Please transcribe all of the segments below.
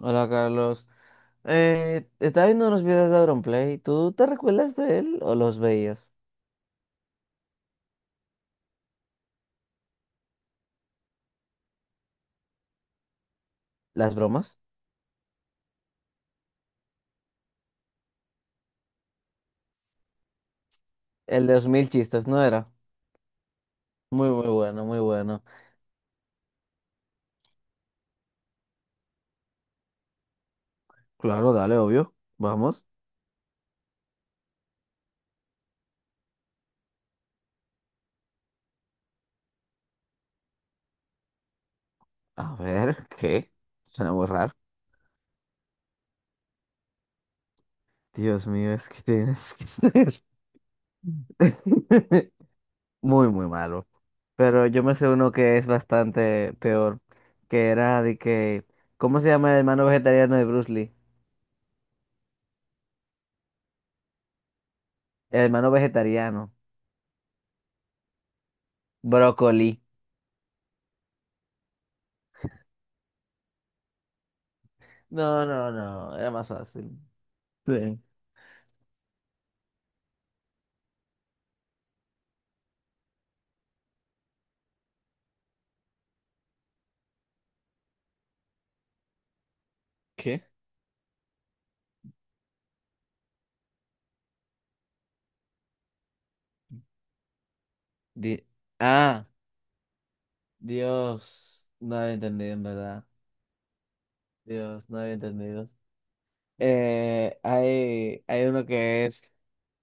Hola Carlos, estaba viendo unos videos de Auronplay, ¿tú te recuerdas de él o los veías? ¿Las bromas? El de los mil chistes, ¿no era? Muy, muy bueno, muy bueno. Claro, dale, obvio. Vamos. A ver, ¿qué? Suena muy raro. Dios mío, es que tienes que ser muy, muy malo. Pero yo me sé uno que es bastante peor, que era de que, ¿cómo se llama el hermano vegetariano de Bruce Lee? El hermano vegetariano, brócoli. No, no, no, era más fácil. Sí. ¿Qué? Di- ah, Dios, no había entendido en verdad. Dios, no había entendido. Hay uno que es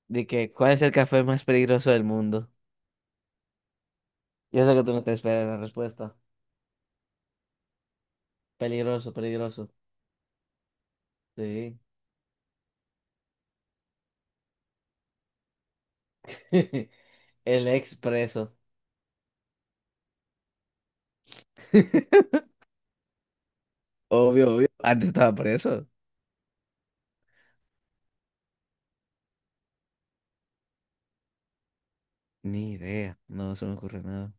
de que ¿cuál es el café más peligroso del mundo? Yo sé que tú no te esperas la respuesta. Peligroso, peligroso. Sí. El expreso. Obvio, obvio. Antes estaba preso. Ni idea. No se me ocurre nada.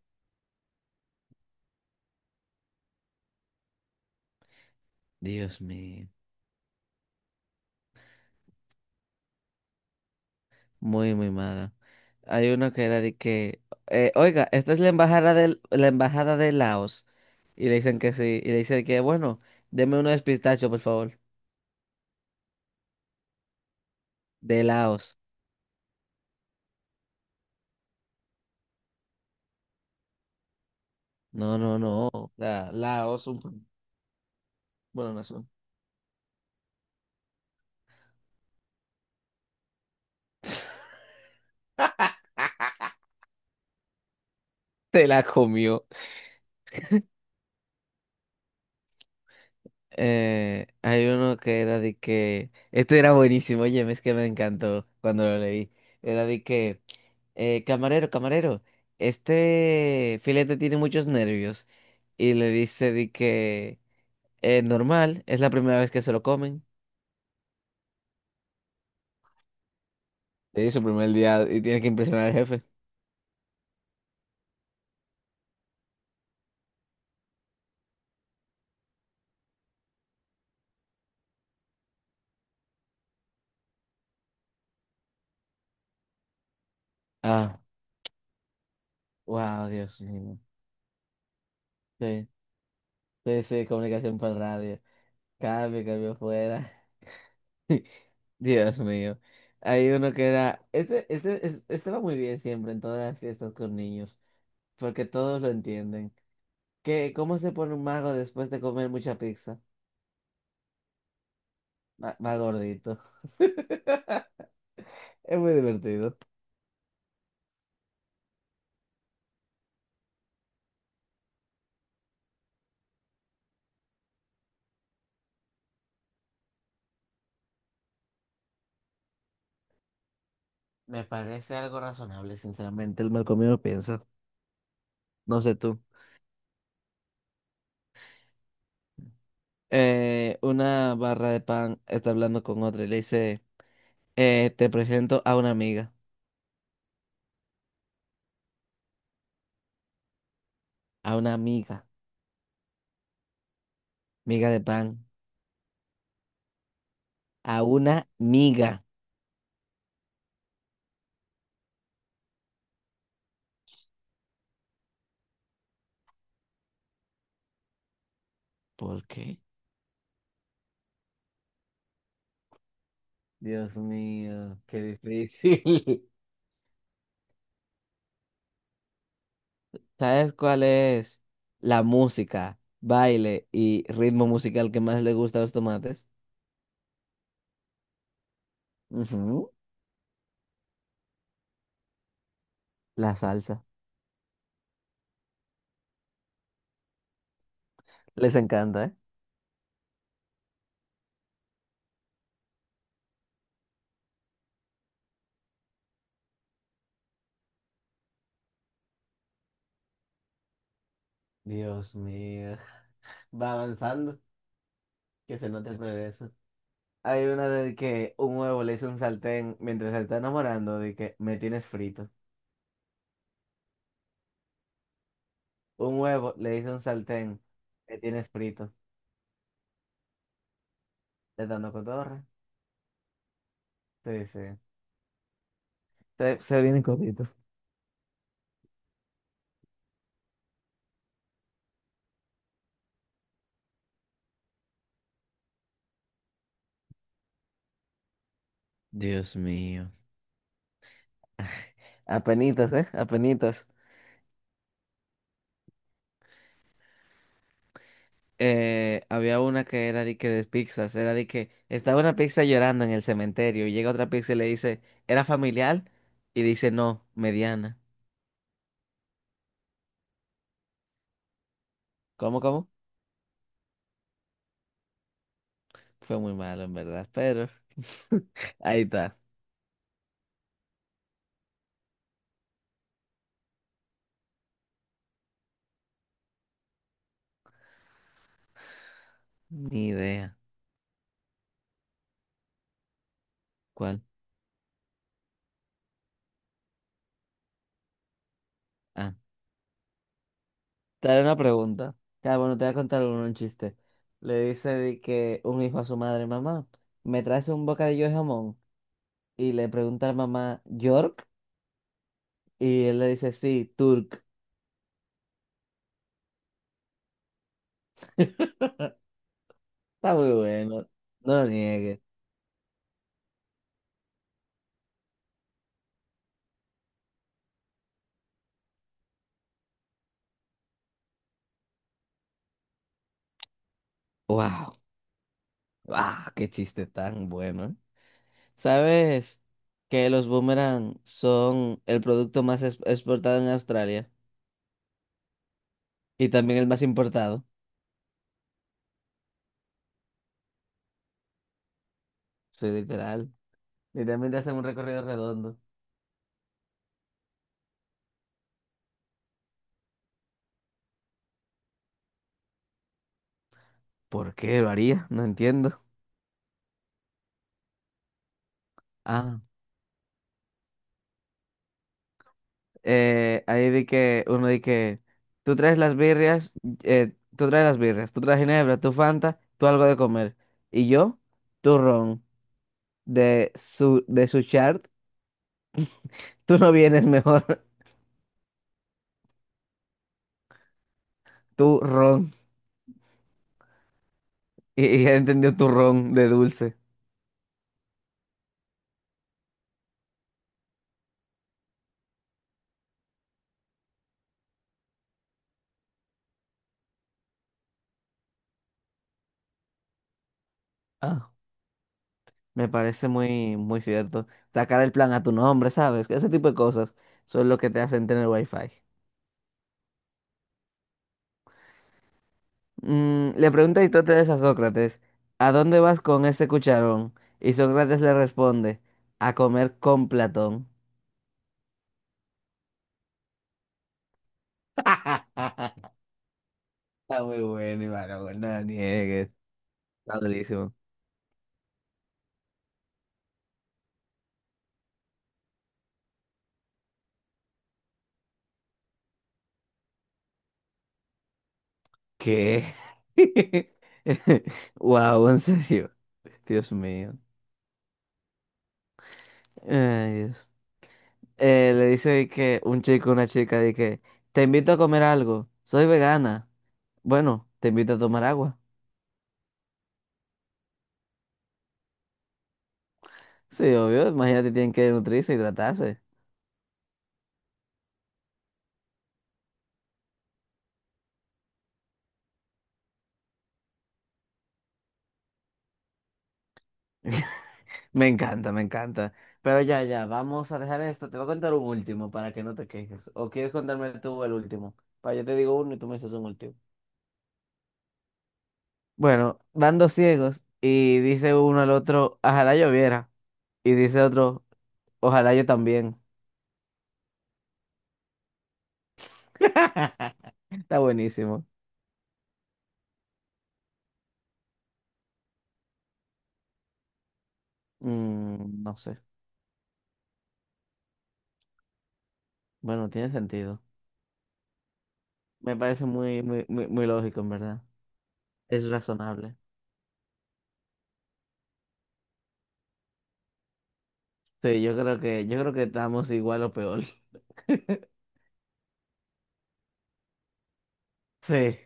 Dios mío. Muy, muy mala. Hay uno que era de que, oiga, esta es la embajada del, la embajada de Laos. Y le dicen que sí. Y le dicen que, bueno, deme uno de pistacho, por favor. De Laos. No, no, no. La, Laos, un, bueno, nación. Te la comió. Hay uno que era de que, este era buenísimo, oye, es que me encantó cuando lo leí. Era de que, camarero, camarero, este filete tiene muchos nervios. Y le dice de que, normal, es la primera vez que se lo comen. Es su primer día y tiene que impresionar al jefe. Ah, wow, Dios mío. Sí, sí, sí, comunicación por radio. Cambio, cambio fuera. Dios mío. Hay uno que era, este, es- este va muy bien siempre en todas las fiestas con niños, porque todos lo entienden. ¿Qué, cómo se pone un mago después de comer mucha pizza? Va, va gordito. Es muy divertido. Me parece algo razonable, sinceramente. El mal comido piensa. No sé tú. Una barra de pan está hablando con otra y le dice, te presento a una amiga, amiga de pan, a una miga. ¿Por qué? Dios mío, qué difícil. ¿Sabes cuál es la música, baile y ritmo musical que más le gusta a los tomates? Ujú, la salsa. Les encanta, ¿eh? Dios mío. Va avanzando, que se note el progreso. Hay una de que un huevo le hizo un sartén mientras se está enamorando, de que me tienes frito. Un huevo le hizo un sartén, me tienes frito. ¿Te dando cotorra? Sí, sí. Se vienen cortitos. Dios mío. Apenitas, ¿eh? Apenitas. Había una que era de que de pizzas, era de que estaba una pizza llorando en el cementerio y llega otra pizza y le dice, ¿era familiar? Y dice, no, mediana. ¿Cómo, cómo? Fue muy malo, en verdad, pero ahí está. Ni idea. ¿Cuál? Ah, te haré una pregunta. Ya, bueno, te voy a contar un chiste. Le dice de que un hijo a su madre, mamá, ¿me traes un bocadillo de jamón? Y le pregunta a la mamá, ¿York? Y él le dice, sí, Turk. Está muy bueno, no lo niegues. Wow, wow, qué chiste tan bueno, ¿eh? ¿Sabes que los boomerang son el producto más exportado en Australia y también el más importado? Sí, literal. Literalmente hacen un recorrido redondo. ¿Por qué lo haría? No entiendo. Ah, ahí di que, uno di que, tú traes las birrias, tú traes ginebra, tú Fanta, tú algo de comer. Y yo, turrón. De su chart, tú no vienes mejor, tú ron. Y él entendió tu ron de dulce. Ah, me parece muy, muy cierto. Sacar el plan a tu nombre, ¿sabes? Ese tipo de cosas son lo que te hacen tener wifi. Le pregunta Aristóteles a Sócrates, ¿a dónde vas con ese cucharón? Y Sócrates le responde, a comer con Platón. Está muy bueno, Iván, no lo niegues. Está durísimo. ¿Qué? Wow, en serio. Dios mío. Ay, Dios. Le dice que un chico, a una chica, de que te invito a comer algo. Soy vegana. Bueno, te invito a tomar agua. Sí, obvio. Imagínate, tienen que nutrirse, hidratarse. Me encanta, me encanta. Pero ya, ya, vamos a dejar esto. Te voy a contar un último para que no te quejes. ¿O quieres contarme tú el último? Para yo te digo uno y tú me dices un último. Bueno, van dos ciegos y dice uno al otro, ojalá yo viera. Y dice otro, ojalá yo también. Está buenísimo. No sé. Bueno, tiene sentido. Me parece muy, muy, muy, muy lógico, en verdad. Es razonable. Sí, yo creo que estamos igual o peor. Sí,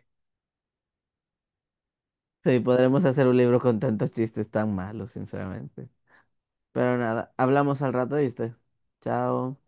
sí, podremos hacer un libro con tantos chistes tan malos, sinceramente. Pero nada, hablamos al rato, ¿viste? Chao.